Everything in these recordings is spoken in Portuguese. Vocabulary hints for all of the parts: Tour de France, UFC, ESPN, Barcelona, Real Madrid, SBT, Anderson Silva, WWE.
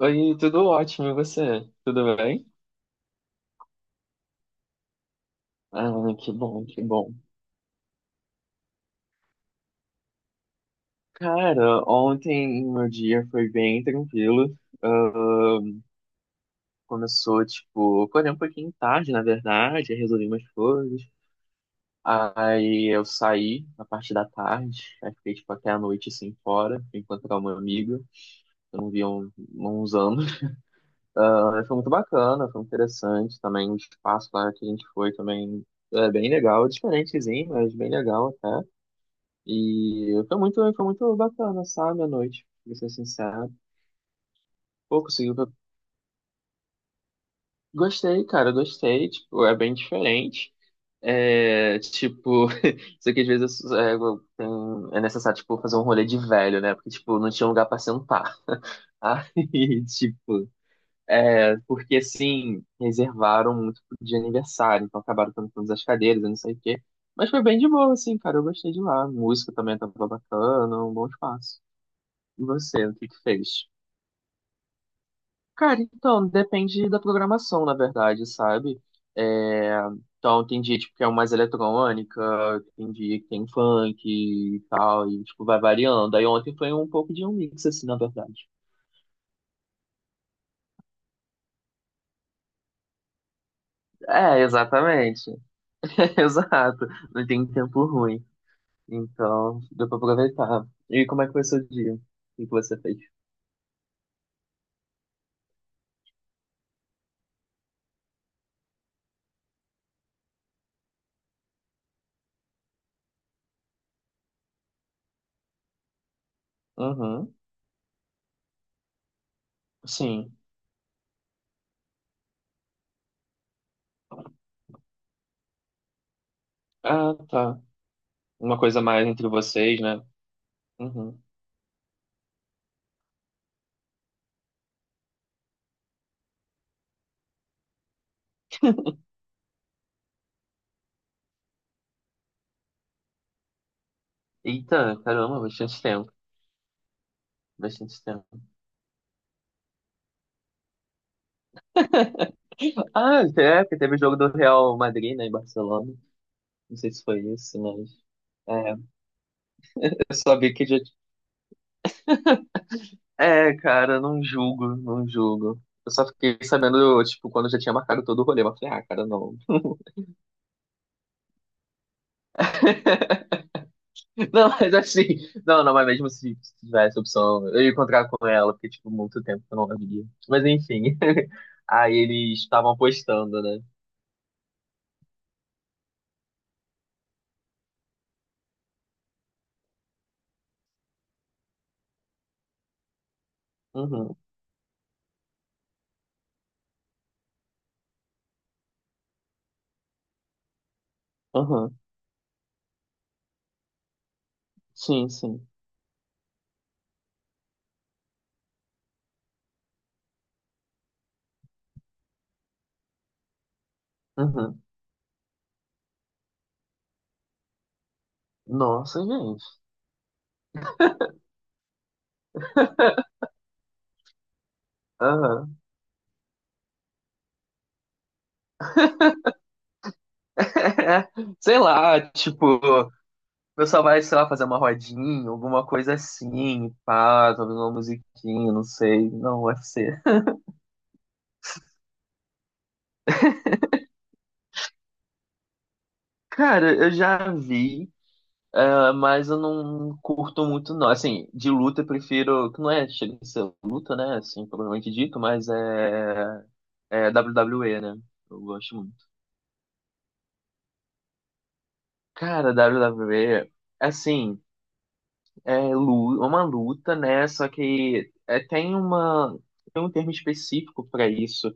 Oi, tudo ótimo, e você? Tudo bem? Ah, que bom, que bom. Cara, ontem meu dia foi bem tranquilo. Ah, começou, tipo, acordei um pouquinho tarde, na verdade, aí resolvi umas coisas. Aí eu saí na parte da tarde, aí fiquei, tipo, até a noite, assim, fora, fui encontrar uma amiga, que eu não via há um, uns anos. Ah, foi muito bacana, foi interessante também, o espaço lá que a gente foi também é bem legal, diferentezinho, mas bem legal até. E foi muito bacana, sabe, a noite, pra ser sincero. Pô, conseguiu. Gostei, cara, gostei. Tipo, é bem diferente. É, tipo, isso aqui às vezes é, tem- é necessário, tipo, fazer um rolê de velho, né? Porque, tipo, não tinha lugar pra sentar. Aí, tipo, é, porque assim, reservaram muito de aniversário, então acabaram tendo todas as cadeiras, eu não sei o quê. Mas foi bem de boa, assim, cara, eu gostei de lá. Música também tava bacana, um bom espaço. E você, o que que fez? Cara, então, depende da programação, na verdade, sabe? É, então, tem dia, tipo, que é mais eletrônica, tem dia que tem funk e tal, e, tipo, vai variando. Aí ontem foi um pouco de um mix, assim, na verdade. É, exatamente. Exato. Não tem tempo ruim. Então, deu pra aproveitar. E como é que foi seu dia? O que que você fez? Uhum. Sim. Ah, tá. Uma coisa mais entre vocês, né? Uhum. Eita, caramba, bastante tempo. Bastante tempo. Ah, é, porque teve o jogo do Real Madrid, né, em Barcelona. Não sei se foi isso, mas. É, eu só vi que já. É, cara, não julgo, não julgo. Eu só fiquei sabendo, tipo, quando já tinha marcado todo o rolê. Mas eu falei, ah, cara, não. Não, mas assim. Não, não, mas mesmo se tivesse opção, eu ia encontrar com ela, porque, tipo, muito tempo que eu não a via. Mas enfim. Aí eles estavam apostando, né? Uhum, uhum. Sim, sim. Uhum. Nossa, gente. Aham. Sei lá, tipo, o pessoal vai, sei lá, fazer uma rodinha, alguma coisa assim, pá, talvez uma musiquinha, não sei. Não, UFC. Cara, eu já vi, mas eu não curto muito, não. Assim, de luta eu prefiro, que não é, chega a ser luta, né, assim, propriamente dito, mas é, é WWE, né? Eu gosto muito. Cara, WWE, assim, uma luta, né, só que é, tem um termo específico para isso.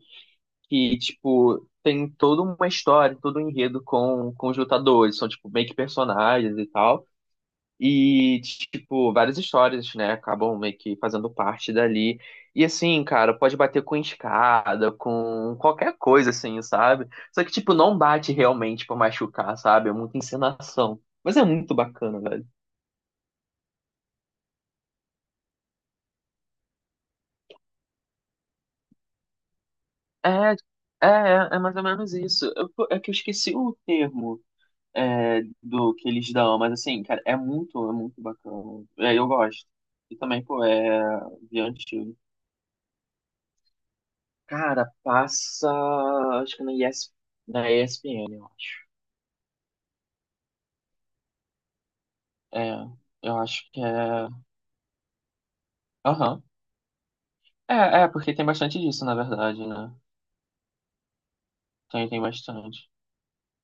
Que, tipo, tem toda uma história, todo um enredo com os lutadores, são, tipo, meio que personagens e tal. E, tipo, várias histórias, né, acabam meio que fazendo parte dali. E, assim, cara, pode bater com escada, com qualquer coisa, assim, sabe? Só que, tipo, não bate realmente pra machucar, sabe? É muita encenação. Mas é muito bacana, velho. É, é mais ou menos isso. É que eu esqueci o termo. É, do que eles dão, mas assim, cara, é muito bacana. É, eu gosto. E também, pô, é diante. Cara, passa. Acho que na ES, na ESPN, eu acho. É, eu acho que é. Aham. É, é, porque tem bastante disso, na verdade, né? Tem, tem bastante.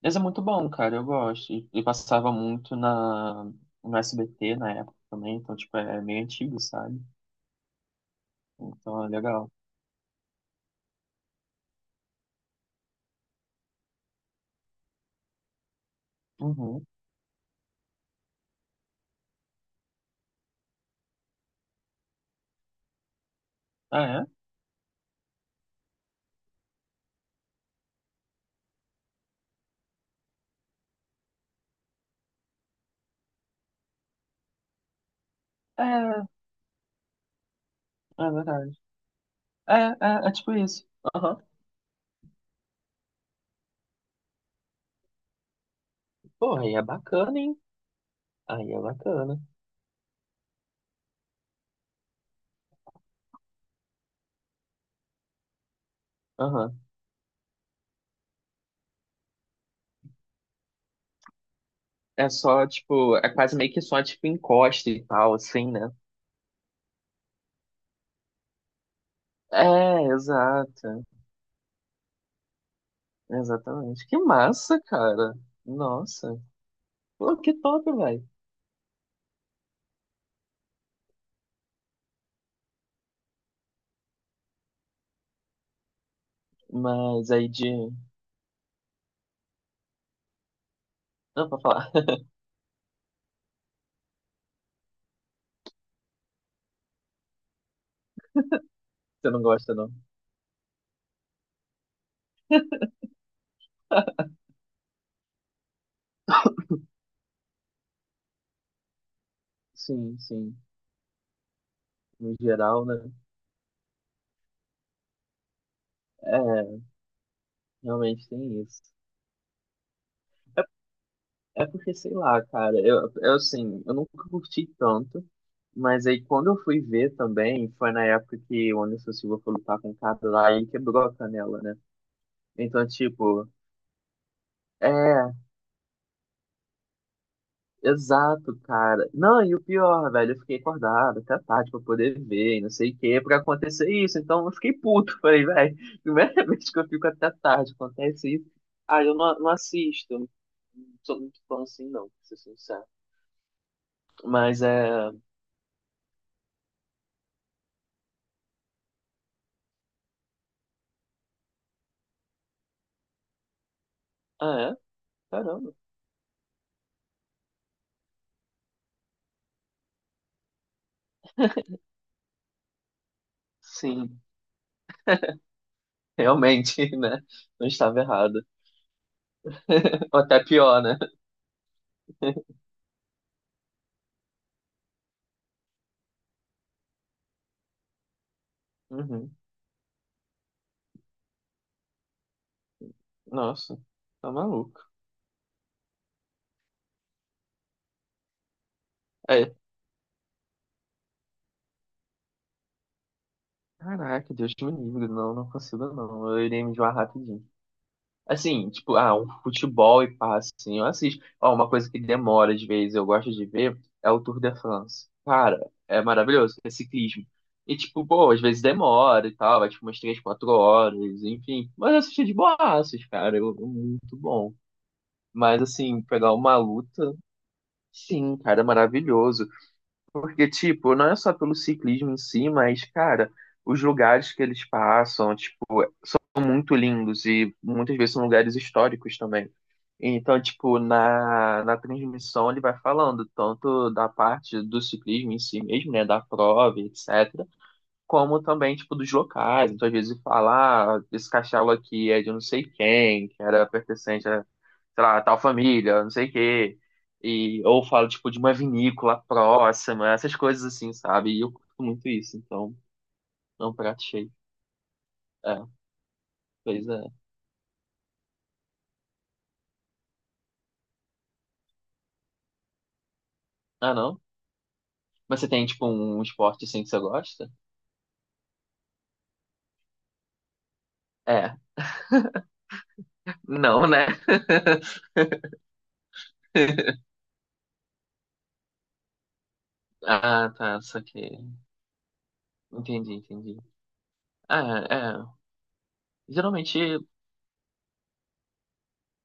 Mas é muito bom, cara, eu gosto. E, no SBT na época também, então, tipo, é meio antigo, sabe? Então é legal. Uhum. Ah, é? É, é verdade. É, é tipo isso. Aham. Pô, aí é bacana, hein? Aí é bacana. Aham. É só, tipo, é quase meio que só, tipo, encosta e tal, assim, né? É, exato. Exatamente. Que massa, cara. Nossa. Pô, que top, velho. Mas aí de. Não, pra falar. Você não gosta, não. Sim, sim. No geral, né? É, realmente tem isso. É porque, sei lá, cara, eu assim, eu nunca curti tanto, mas aí quando eu fui ver também, foi na época que o Anderson Silva foi lutar com o cara lá e quebrou a canela, né? Então, tipo, é, exato, cara. Não, e o pior, velho, eu fiquei acordado até tarde pra poder ver e não sei o que, pra acontecer isso. Então eu fiquei puto, falei, velho, primeira vez que eu fico até tarde, acontece isso. Ah, eu não, não assisto, não sou muito fã assim, não, pra ser sincero. Mas é. Ah, é? Caramba. Sim, realmente, né? Não estava errado. Ou até pior, né? Uhum. Nossa, tá maluco. É. Caraca, Deus me livre. Não, não consigo, não. Eu irei me enjoar rapidinho. Assim, tipo, ah, um futebol e pá assim, eu assisto. Ó, uma coisa que demora às vezes, eu gosto de ver, é o Tour de France. Cara, é maravilhoso, é ciclismo. E, tipo, pô, às vezes demora e tal, vai, tipo, umas três, quatro horas, enfim. Mas eu assisti de boas, cara, eu, é muito bom. Mas, assim, pegar uma luta, sim, cara, é maravilhoso. Porque, tipo, não é só pelo ciclismo em si, mas, cara, os lugares que eles passam, tipo, são muito lindos e muitas vezes são lugares históricos também. Então, tipo, na transmissão ele vai falando tanto da parte do ciclismo em si mesmo, né, da prova, etc., como também, tipo, dos locais. Então, às vezes, falar, ah, esse castelo aqui é de não sei quem, que era pertencente a, sei lá, a tal família, não sei o quê. E, ou fala, tipo, de uma vinícola próxima, essas coisas assim, sabe? E eu curto muito isso, então, é um prato cheio. É, pois é. Ah, não? Mas você tem, tipo, um esporte assim que você gosta? É. Não, né? Ah, tá, saquei. Entendi, entendi. Ah, é. Geralmente.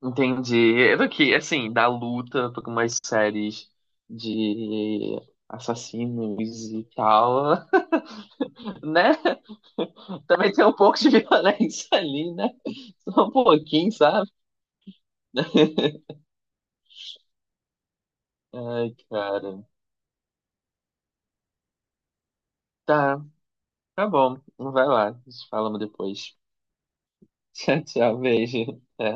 Entendi. É do que, assim, da luta por umas séries de assassinos e tal, né? Também tem um pouco de violência ali, né? Só um pouquinho, sabe? Ai, cara. Tá, tá bom. Vai lá. Falamos depois. Tchau, tchau. Beijo. Até.